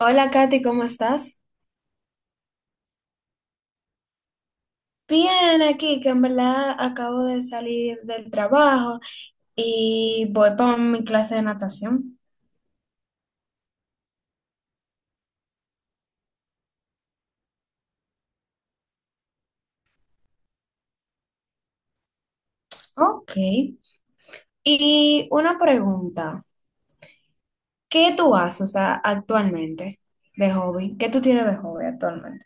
Hola Katy, ¿cómo estás? Bien, aquí que en verdad acabo de salir del trabajo y voy para mi clase de natación. Ok. Y una pregunta, ¿qué tú haces, o sea, actualmente de hobby? ¿Qué tú tienes de hobby actualmente?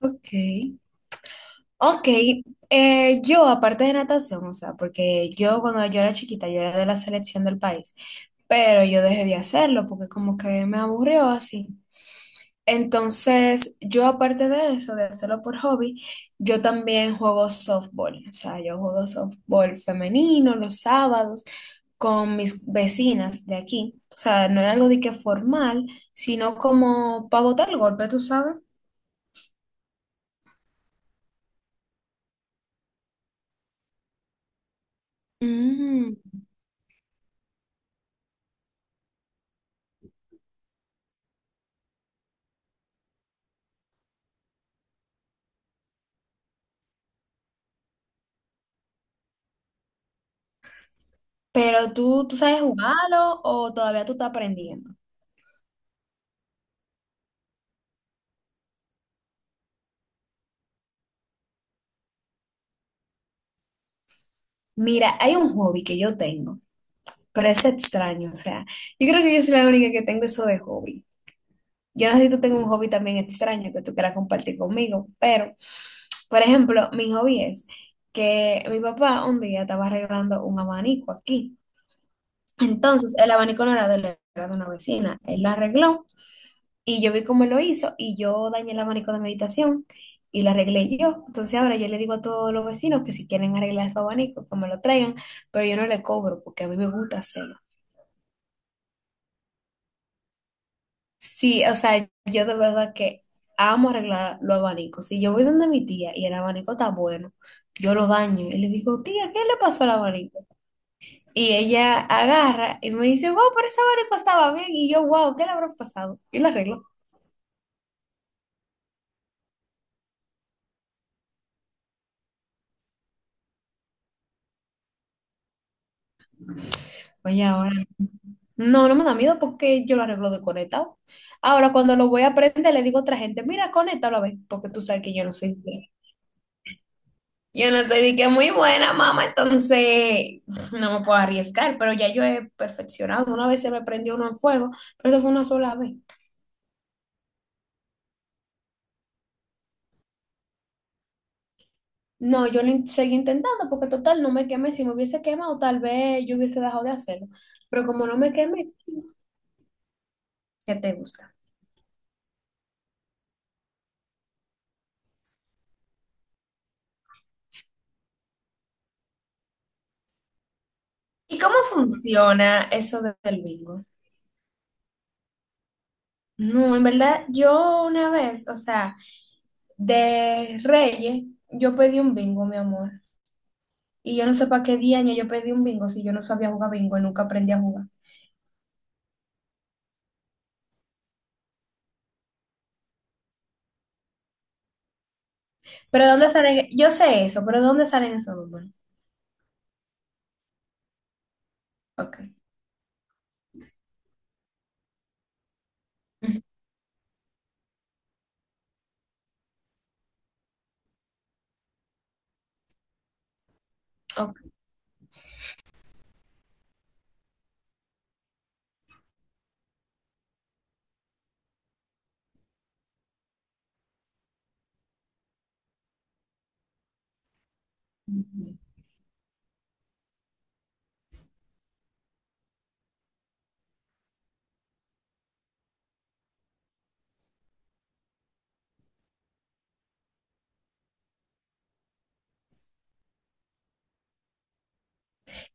Ok. Ok, yo aparte de natación, o sea, porque yo cuando yo era chiquita, yo era de la selección del país, pero yo dejé de hacerlo porque como que me aburrió así. Entonces, yo aparte de eso, de hacerlo por hobby, yo también juego softball. O sea, yo juego softball femenino los sábados con mis vecinas de aquí. O sea, no es algo de que formal, sino como para botar el golpe, tú sabes. Mm. Pero tú, ¿tú sabes jugarlo o todavía tú estás aprendiendo? Mira, hay un hobby que yo tengo, pero es extraño. O sea, yo creo que yo soy la única que tengo eso de hobby. Yo no sé si tú tengas un hobby también extraño que tú quieras compartir conmigo, pero, por ejemplo, mi hobby es que mi papá un día estaba arreglando un abanico aquí. Entonces, el abanico no era de él, era de una vecina. Él lo arregló y yo vi cómo él lo hizo y yo dañé el abanico de mi habitación y lo arreglé yo. Entonces, ahora yo le digo a todos los vecinos que si quieren arreglar su abanico, que me lo traigan, pero yo no le cobro porque a mí me gusta hacerlo. Sí, o sea, yo de verdad que amo arreglar los abanicos. Si yo voy donde mi tía y el abanico está bueno, yo lo daño. Y le digo, tía, ¿qué le pasó al abanico? Y ella agarra y me dice, wow, pero ese abanico estaba bien. Y yo, wow, ¿qué le habrá pasado? Y lo arreglo. Oye, ahora. No, no me da miedo porque yo lo arreglo de conectado. Ahora, cuando lo voy a prender, le digo a otra gente, mira, conéctalo a ver, porque tú sabes que yo no soy. Yo no estoy de que muy buena, mamá, entonces no me puedo arriesgar, pero ya yo he perfeccionado. Una vez se me prendió uno en fuego, pero eso fue una sola vez. No, yo lo seguí intentando porque total no me quemé. Si me hubiese quemado, tal vez yo hubiese dejado de hacerlo. Pero como no me quemé, ¿qué te gusta? ¿Y cómo funciona eso del bingo? No, en verdad, yo una vez, o sea, de Reyes, yo pedí un bingo, mi amor. Y yo no sé para qué día yo pedí un bingo si yo no sabía jugar bingo y nunca aprendí a jugar. Pero ¿de ¿dónde salen? Yo sé eso, pero ¿de ¿dónde salen esos números? Ok. Ujú, ok.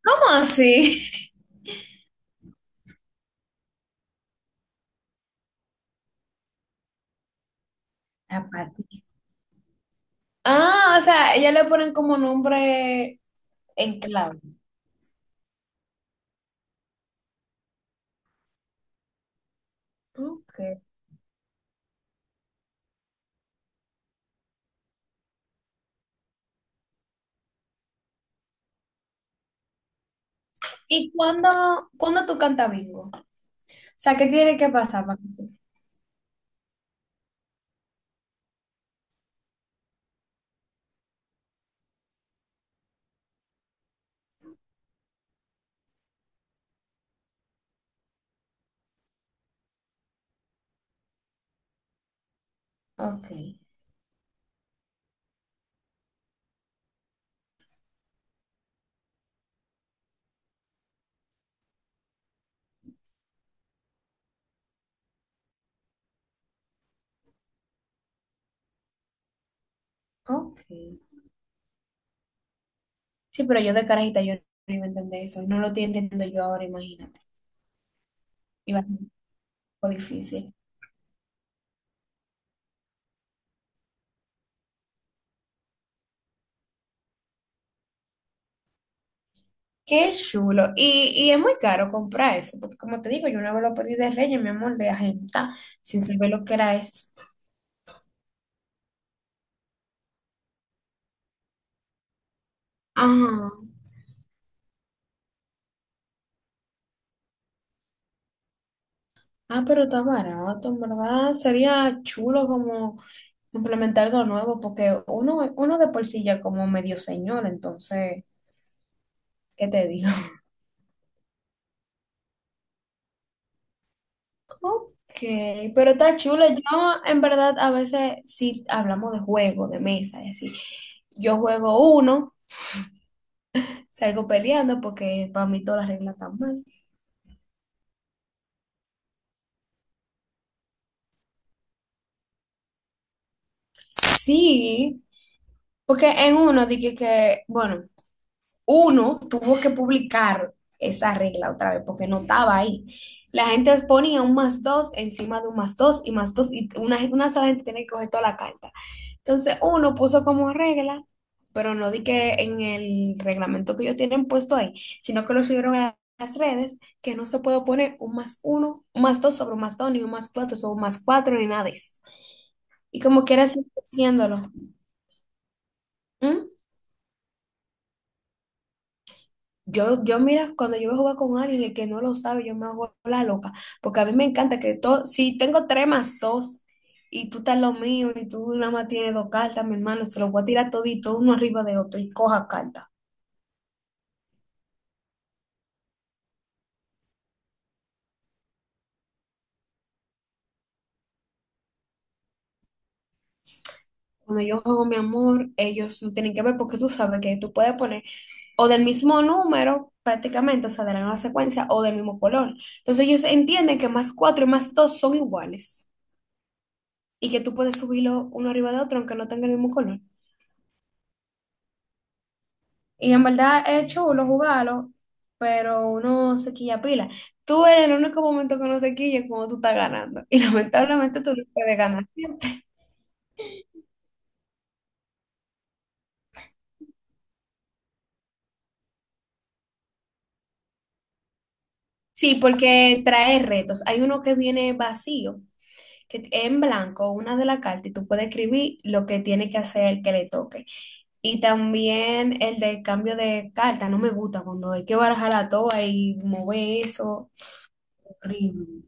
¿Cómo así? Zapati. Ah, o sea, ellas le ponen como nombre en clave. Ok. ¿Y cuándo, cuándo tú cantas bingo? O sea, ¿qué tiene que pasar para que tú? Ok, ok. Sí, pero yo de carajita yo no iba a entender eso. No lo estoy entendiendo yo ahora, imagínate. Iba a ser un poco difícil. Qué chulo. Y es muy caro comprar eso, porque como te digo, yo una vez lo pedí de Reyes, mi amor, de agenda, sin saber lo que era eso. Ajá. Ah, pero está barato, en verdad. Sería chulo como implementar algo nuevo, porque uno, uno de por sí ya como medio señor, entonces, ¿qué te digo? Ok, pero está chulo. Yo, en verdad, a veces sí hablamos de juego, de mesa, y así. Yo juego uno, salgo peleando porque para mí todas las reglas están mal. Sí. Porque en uno dije que, bueno, uno tuvo que publicar esa regla otra vez porque no estaba ahí. La gente ponía un más dos encima de un más dos y una sola gente tiene que coger toda la carta. Entonces uno puso como regla, pero no di que en el reglamento que ellos tienen puesto ahí, sino que lo subieron a las redes que no se puede poner un más uno, un más dos sobre un más dos, ni un más cuatro sobre un más cuatro, ni nada de eso. Y como quiera sigue haciéndolo. ¿Mm? Yo mira, cuando yo voy a jugar con alguien, el que no lo sabe, yo me hago la loca, porque a mí me encanta que todo, si tengo tres más dos y tú estás lo mío y tú nada más tienes dos cartas, mi hermano, se los voy a tirar todito uno arriba de otro y coja carta. Cuando yo juego mi amor, ellos no tienen que ver porque tú sabes que tú puedes poner o del mismo número prácticamente, o sea, de la misma secuencia o del mismo color. Entonces ellos entienden que más cuatro y más dos son iguales y que tú puedes subirlo uno arriba de otro aunque no tenga el mismo color. Y en verdad es chulo jugarlo, pero uno se quilla pila. Tú eres el único momento que no se quilla cuando tú estás ganando. Y lamentablemente tú no puedes ganar siempre. Sí, porque trae retos. Hay uno que viene vacío, que es en blanco, una de la carta, y tú puedes escribir lo que tiene que hacer el que le toque. Y también el de cambio de carta, no me gusta cuando hay que barajar la toa y mover eso. Horrible.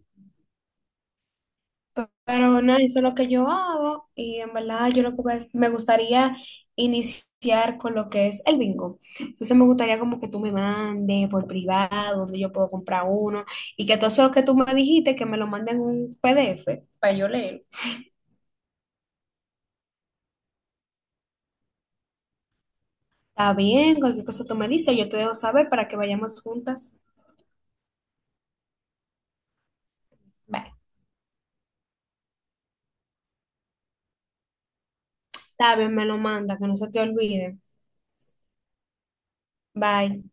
Pero no, eso es lo que yo hago y en verdad yo lo que me gustaría iniciar con lo que es el bingo. Entonces me gustaría como que tú me mandes por privado, donde yo puedo comprar uno y que todo eso que tú me dijiste, que me lo manden en un PDF para yo leer. Está bien, cualquier cosa tú me dices, yo te dejo saber para que vayamos juntas. Bye. Está bien, me lo manda, que no se te olvide. Bye.